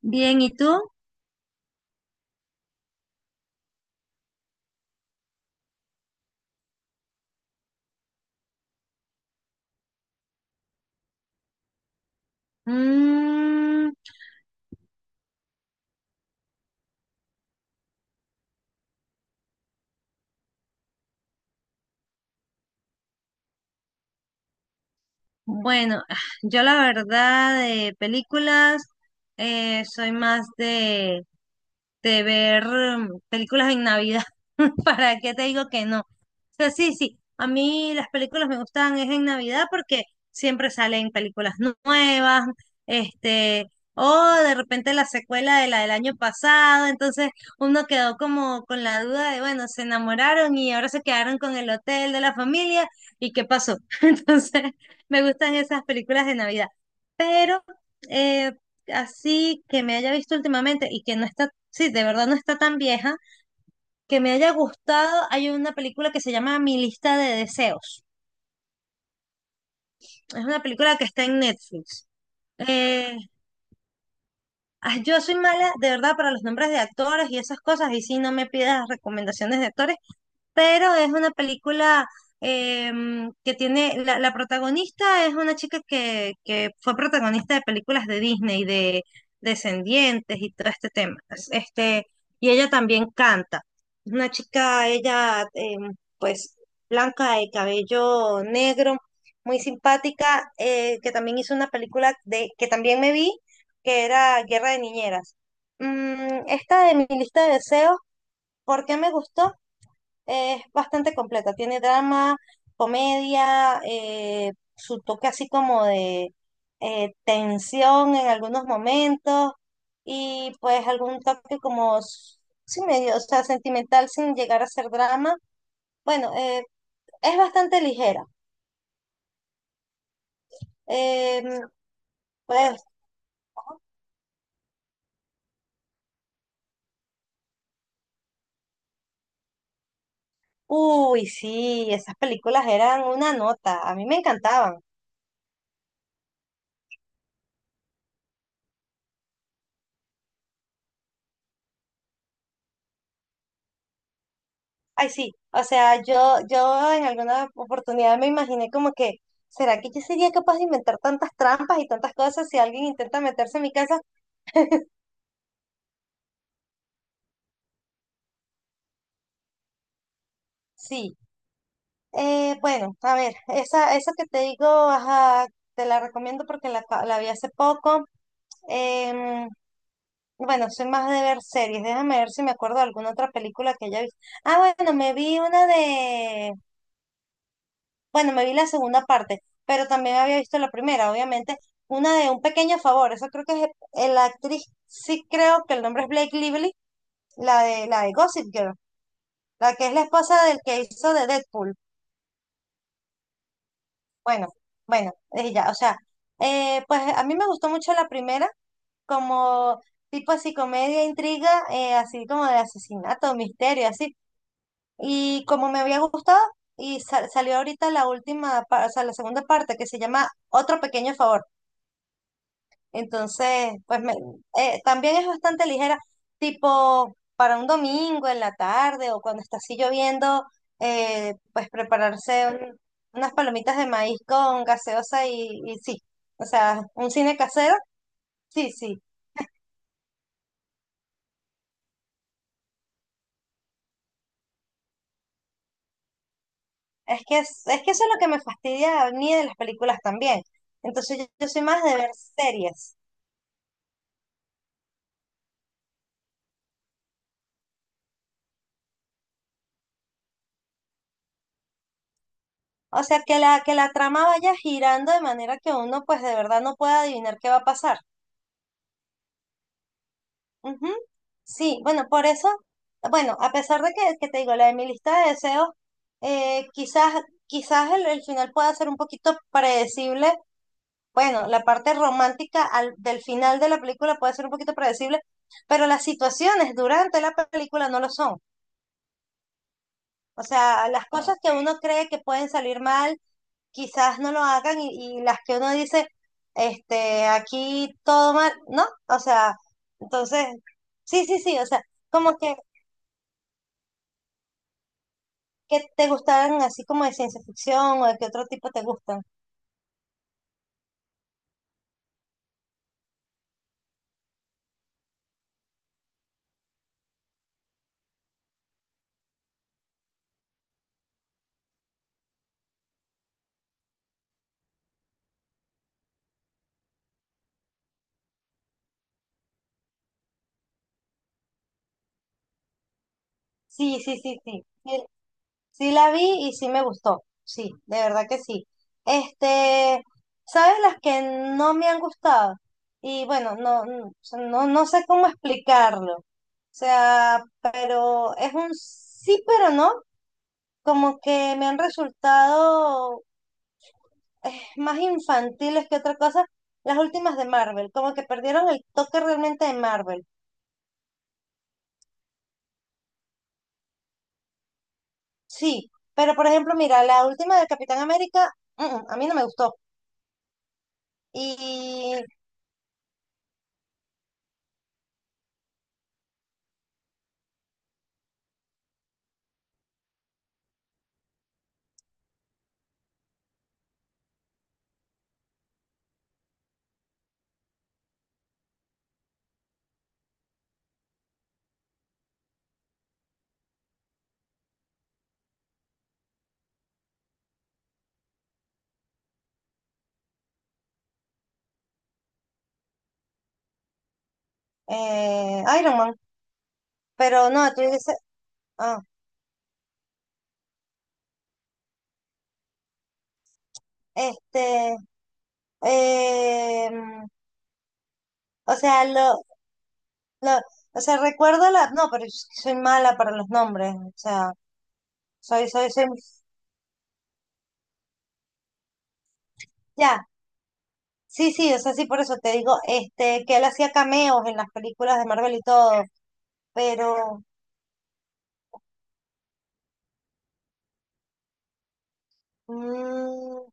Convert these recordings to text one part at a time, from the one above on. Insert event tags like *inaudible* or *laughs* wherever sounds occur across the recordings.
Bien, ¿y tú? Mm, bueno, yo la verdad de películas soy más de ver películas en Navidad. *laughs* ¿Para qué te digo que no? O sea, sí, sí, a mí las películas me gustan es en Navidad porque siempre salen películas nuevas, este, o de repente la secuela de la del año pasado, entonces uno quedó como con la duda de, bueno, se enamoraron y ahora se quedaron con el hotel de la familia y qué pasó. *laughs* Entonces, me gustan esas películas de Navidad, pero eh, así que me haya visto últimamente y que no está sí, de verdad no está tan vieja, que me haya gustado, hay una película que se llama Mi lista de deseos. Es una película que está en Netflix. Eh, yo soy mala, de verdad, para los nombres de actores y esas cosas, y sí, no me pidas recomendaciones de actores, pero es una película que tiene, la protagonista es una chica que fue protagonista de películas de Disney, de Descendientes y todo este tema. Y ella también canta. Es una chica, ella, pues, blanca de cabello negro, muy simpática, que también hizo una película de, que también me vi, que era Guerra de Niñeras. Mm, esta de mi lista de deseos, ¿por qué me gustó? Es bastante completa, tiene drama, comedia, su toque así como de tensión en algunos momentos y pues algún toque como, sí, medio, o sea, sentimental sin llegar a ser drama. Bueno, es bastante ligera. Em, pues, uy, sí, esas películas eran una nota, a mí me encantaban. Ay, sí, o sea, yo en alguna oportunidad me imaginé como que, ¿será que yo sería capaz de inventar tantas trampas y tantas cosas si alguien intenta meterse en mi casa? Sí. Bueno, a ver, esa que te digo, ajá, te la recomiendo porque la, la vi hace poco. Em, bueno, soy más de ver series, déjame ver si me acuerdo de alguna otra película que haya visto. Ah, bueno, me vi una de. Bueno, me vi la segunda parte, pero también había visto la primera, obviamente. Una de Un Pequeño Favor, esa creo que es la actriz, sí creo que el nombre es Blake Lively, la de Gossip Girl, la que es la esposa del que hizo de Deadpool. Bueno, bueno, ella, o sea, pues a mí me gustó mucho la primera, como tipo así comedia, intriga, así como de asesinato, misterio, así. Y como me había gustado, y salió ahorita la última, o sea, la segunda parte que se llama Otro Pequeño Favor. Entonces, pues también es bastante ligera, tipo para un domingo en la tarde o cuando está así lloviendo, pues prepararse unas palomitas de maíz con gaseosa y sí, o sea, un cine casero, sí, sí. Es que eso es lo que me fastidia a mí de las películas también. Entonces yo soy más de ver series. O sea, que la trama vaya girando de manera que uno pues de verdad no pueda adivinar qué va a pasar. Ujú. Sí, bueno, por eso, bueno, a pesar de que te digo, la de mi lista de deseos, eh, quizás, quizás el final pueda ser un poquito predecible. Bueno, la parte romántica del final de la película puede ser un poquito predecible, pero las situaciones durante la película no lo son. O sea, las cosas que uno cree que pueden salir mal, quizás no lo hagan y las que uno dice, aquí todo mal, ¿no? O sea, entonces, sí, sí, sí, o sea. Como que, ¿qué te gustaban así como de ciencia ficción o de qué otro tipo te gustan? Sí, sí, sí, sí. Sí, sí la vi y sí me gustó. Sí, de verdad que sí. Este, ¿sabes las que no me han gustado? Y bueno, no, no, o sea, no, no sé cómo explicarlo. O sea, pero es un sí, pero no. Como que me han resultado más infantiles que otra cosa. Las últimas de Marvel, como que perdieron el toque realmente de Marvel. Sí, pero por ejemplo, mira, la última del Capitán América, a mí no me gustó. Y Iron Man, pero no, tú dices, ah, este, eh, mm, o sea, lo- o sea, recuerdo la, no, pero yo soy mala para los nombres, o sea, soy, ya, sí, sí, o sea, sí, por eso te digo, que él hacía cameos en las películas de Marvel y todo, pero, mm,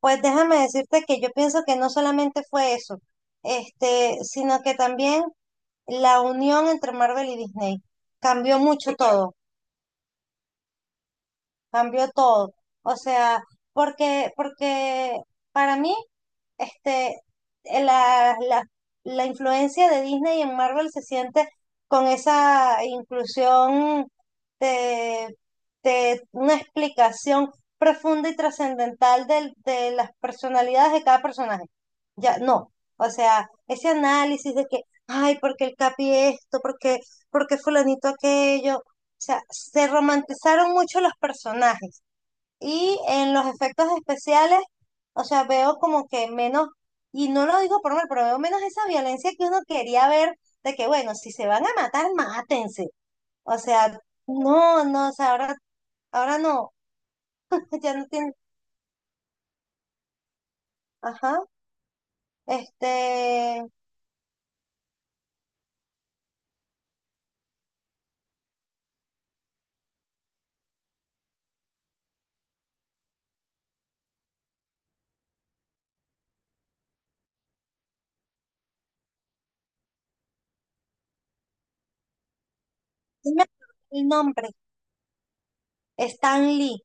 pues déjame decirte que yo pienso que no solamente fue eso, sino que también la unión entre Marvel y Disney cambió mucho todo, cambió todo. O sea, porque para mí este, eh, la, la, la influencia de Disney en Marvel se siente con esa inclusión de, de una explicación profunda y trascendental de las personalidades de cada personaje. Ya, no. O sea, ese análisis de que, ay, porque el Capi esto, porque fulanito aquello. O sea, se romantizaron mucho los personajes y en los efectos especiales, o sea, veo como que menos, y no lo digo por mal, pero veo menos esa violencia que uno quería ver, de que bueno, si se van a matar, mátense. O sea, no, no, o sea, ahora, no, *laughs* ya no tiene, ajá, este, no me acuerdo el nombre, Stan Lee,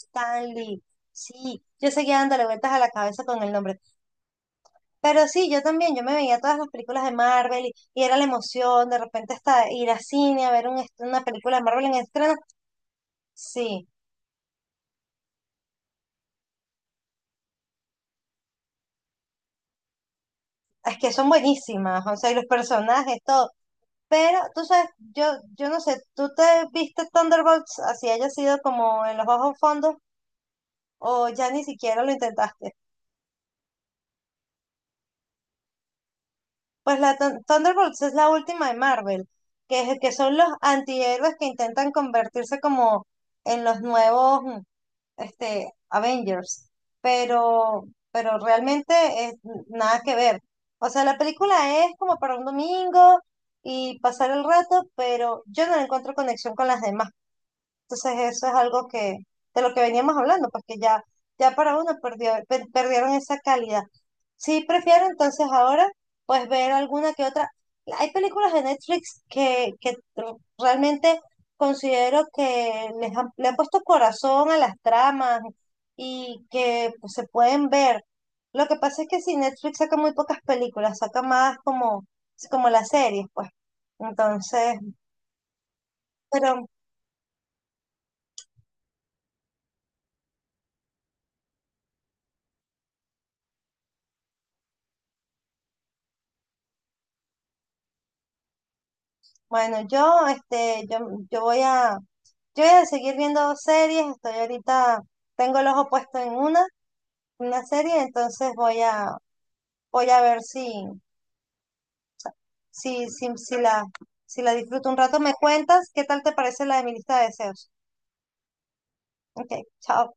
Stan Lee, sí, yo seguía dándole vueltas a la cabeza con el nombre. Pero sí, yo también, yo me veía todas las películas de Marvel y era la emoción, de repente hasta ir a cine a ver un una película de Marvel en estreno. Sí, es que son buenísimas, o sea, y los personajes, todo. Pero tú sabes, yo no sé, ¿tú te viste Thunderbolts así haya sido como en los bajos fondos o ya ni siquiera lo intentaste? Pues la Thunderbolts es la última de Marvel, que, es, que son los antihéroes que intentan convertirse como en los nuevos, Avengers, pero, pero realmente es nada que ver. O sea, la película es como para un domingo y pasar el rato, pero yo no le encuentro conexión con las demás, entonces eso es algo que, de lo que veníamos hablando, porque ya, ya para uno perdió, perdieron esa calidad. Sí, prefiero entonces ahora pues ver alguna que otra. Hay películas de Netflix que, realmente considero que les han, le han puesto corazón a las tramas y que pues, se pueden ver. Lo que pasa es que si Netflix saca muy pocas películas, saca más como, las series, pues. Entonces, pero bueno, yo voy a, yo voy a seguir viendo series, estoy ahorita, tengo el ojo puesto en una, serie, entonces voy a ver si, si, si la, si la disfruto un rato. ¿Me cuentas qué tal te parece la de mi lista de deseos? Ok, chao.